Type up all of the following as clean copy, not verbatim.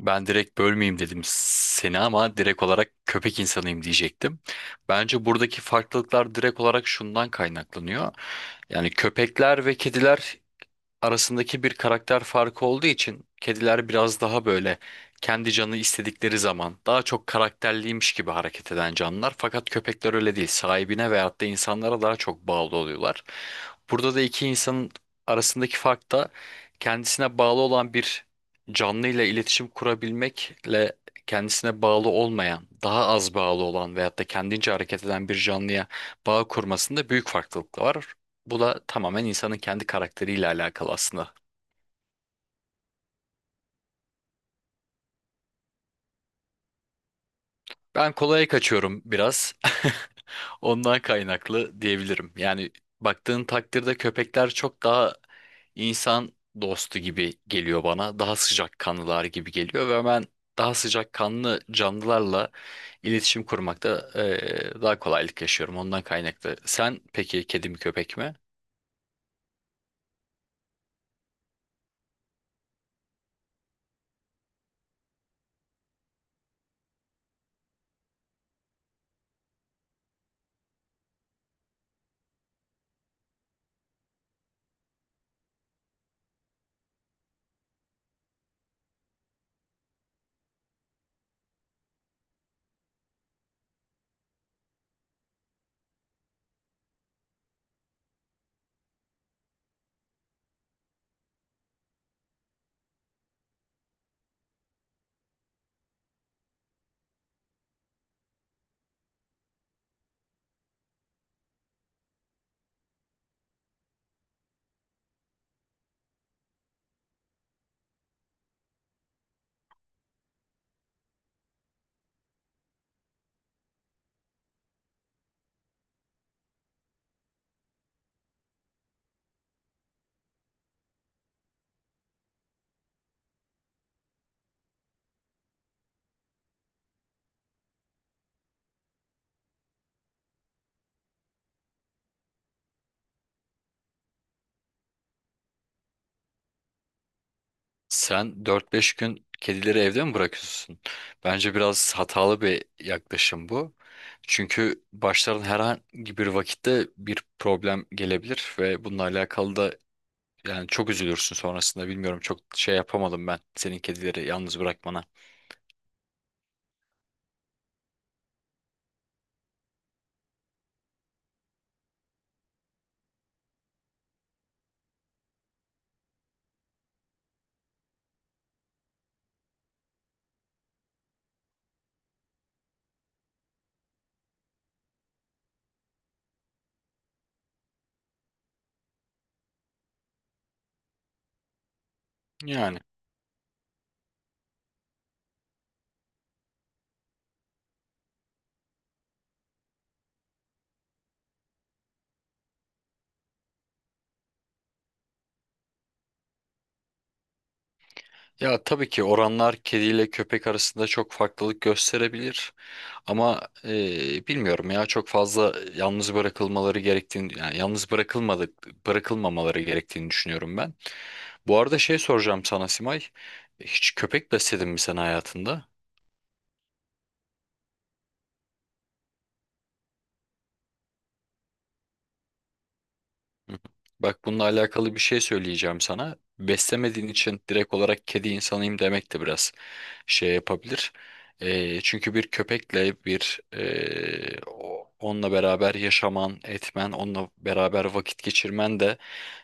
Ben direkt bölmeyeyim dedim seni ama direkt olarak köpek insanıyım diyecektim. Bence buradaki farklılıklar direkt olarak şundan kaynaklanıyor. Yani köpekler ve kediler arasındaki bir karakter farkı olduğu için kediler biraz daha böyle kendi canı istedikleri zaman daha çok karakterliymiş gibi hareket eden canlılar. Fakat köpekler öyle değil. Sahibine veyahut da insanlara daha çok bağlı oluyorlar. Burada da iki insanın arasındaki fark da kendisine bağlı olan bir canlıyla iletişim kurabilmekle kendisine bağlı olmayan, daha az bağlı olan veyahut da kendince hareket eden bir canlıya bağ kurmasında büyük farklılık var. Bu da tamamen insanın kendi karakteriyle alakalı aslında. Ben kolaya kaçıyorum biraz. Ondan kaynaklı diyebilirim. Yani baktığın takdirde köpekler çok daha insan dostu gibi geliyor bana. Daha sıcakkanlılar gibi geliyor ve ben daha sıcakkanlı canlılarla iletişim kurmakta daha kolaylık yaşıyorum. Ondan kaynaklı. Sen peki kedi mi köpek mi? Sen dört beş gün kedileri evde mi bırakıyorsun? Bence biraz hatalı bir yaklaşım bu. Çünkü başların herhangi bir vakitte bir problem gelebilir ve bununla alakalı da yani çok üzülürsün sonrasında. Bilmiyorum çok şey yapamadım ben senin kedileri yalnız bırakmana. Yani ya tabii ki oranlar kediyle köpek arasında çok farklılık gösterebilir ama bilmiyorum ya çok fazla yalnız bırakılmaları gerektiğini yani yalnız bırakılmadık bırakılmamaları gerektiğini düşünüyorum ben. Bu arada şey soracağım sana Simay. Hiç köpek besledin mi sen hayatında? Hı. Hı. Bak bununla alakalı bir şey söyleyeceğim sana. Beslemediğin için direkt olarak kedi insanıyım demek de biraz şey yapabilir. Çünkü bir köpekle bir onunla beraber yaşaman, etmen, onunla beraber vakit geçirmen de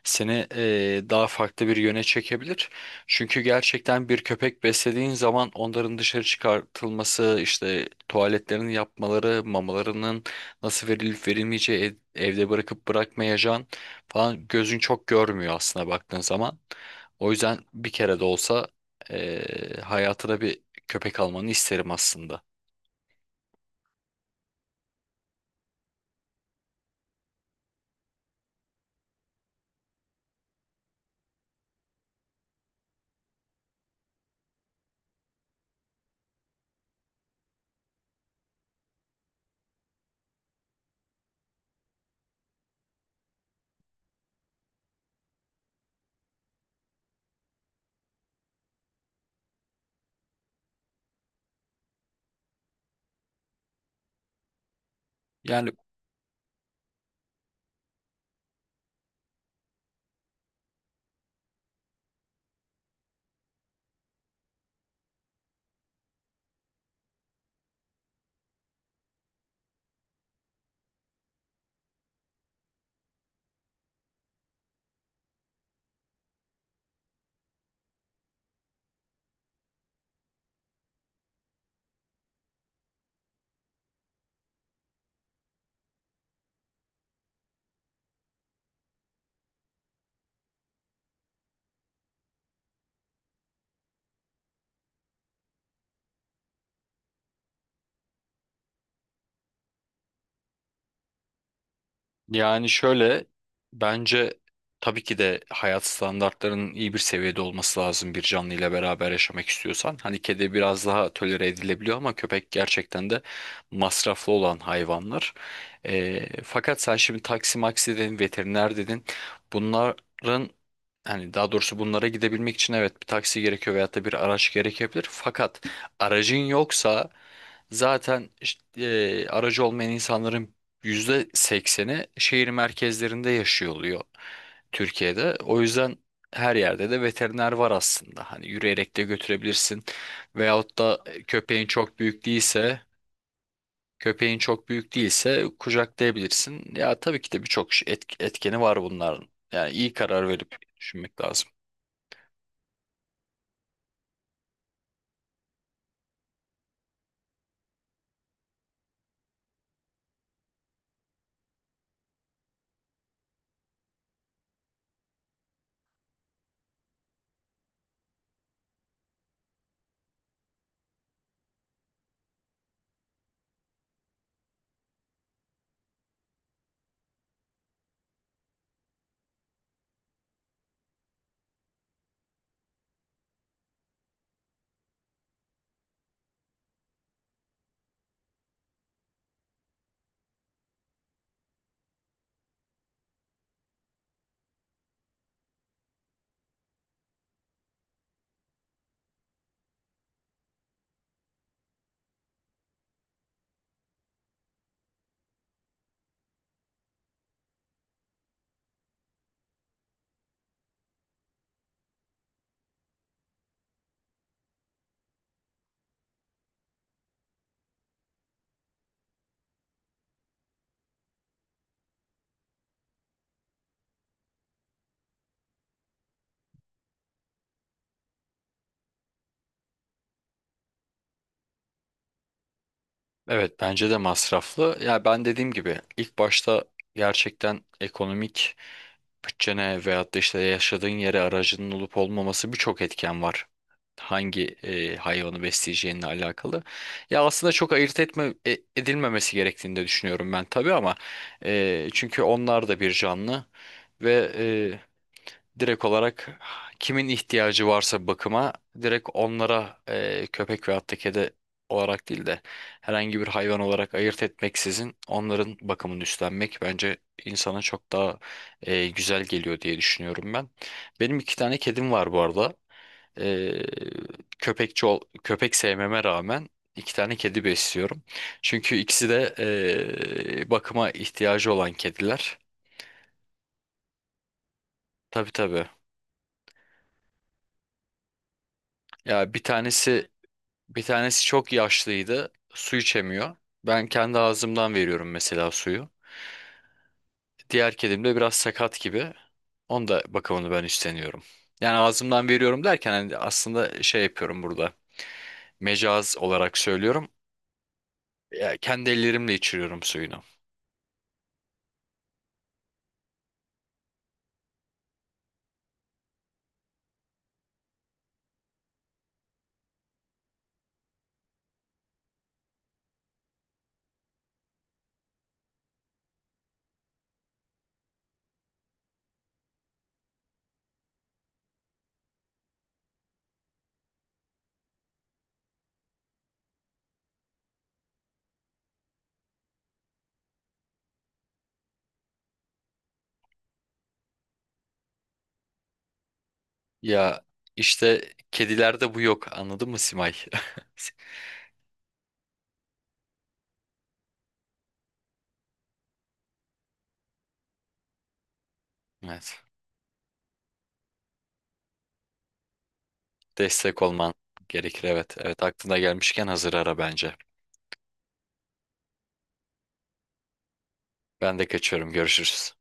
seni daha farklı bir yöne çekebilir. Çünkü gerçekten bir köpek beslediğin zaman onların dışarı çıkartılması, işte tuvaletlerini yapmaları, mamalarının nasıl verilip verilmeyeceği, evde bırakıp bırakmayacağın falan gözün çok görmüyor aslında baktığın zaman. O yüzden bir kere de olsa hayatına bir köpek almanı isterim aslında. Yani. Yani şöyle bence tabii ki de hayat standartlarının iyi bir seviyede olması lazım bir canlı ile beraber yaşamak istiyorsan. Hani kedi biraz daha tolere edilebiliyor ama köpek gerçekten de masraflı olan hayvanlar. Fakat sen şimdi taksi maksi dedin, veteriner dedin. Bunların hani daha doğrusu bunlara gidebilmek için evet bir taksi gerekiyor veyahut da bir araç gerekebilir. Fakat aracın yoksa zaten işte, aracı olmayan insanların %80'i şehir merkezlerinde yaşıyor oluyor Türkiye'de. O yüzden her yerde de veteriner var aslında. Hani yürüyerek de götürebilirsin. Veyahut da köpeğin çok büyük değilse kucaklayabilirsin. Ya tabii ki de birçok etkeni var bunların. Yani iyi karar verip düşünmek lazım. Evet bence de masraflı. Ya ben dediğim gibi ilk başta gerçekten ekonomik bütçene veyahut da işte yaşadığın yere aracının olup olmaması birçok etken var. Hangi hayvanı besleyeceğinle alakalı. Ya aslında çok ayırt edilmemesi gerektiğini de düşünüyorum ben tabii ama çünkü onlar da bir canlı ve direkt olarak kimin ihtiyacı varsa bakıma direkt onlara köpek veyahut da kedi olarak değil de herhangi bir hayvan olarak ayırt etmeksizin onların bakımını üstlenmek bence insana çok daha güzel geliyor diye düşünüyorum ben. Benim iki tane kedim var bu arada. E, Köpek sevmeme rağmen iki tane kedi besliyorum. Çünkü ikisi de bakıma ihtiyacı olan kediler. Tabii tabii. Ya bir tanesi Bir tanesi çok yaşlıydı. Su içemiyor. Ben kendi ağzımdan veriyorum mesela suyu. Diğer kedim de biraz sakat gibi. Onun da bakımını ben üstleniyorum. Yani ağzımdan veriyorum derken hani aslında şey yapıyorum burada. Mecaz olarak söylüyorum. Ya kendi ellerimle içiriyorum suyunu. Ya işte kedilerde bu yok. Anladın mı Simay? Evet. Destek olman gerekir. Evet. Evet aklına gelmişken hazır ara bence. Ben de kaçıyorum. Görüşürüz.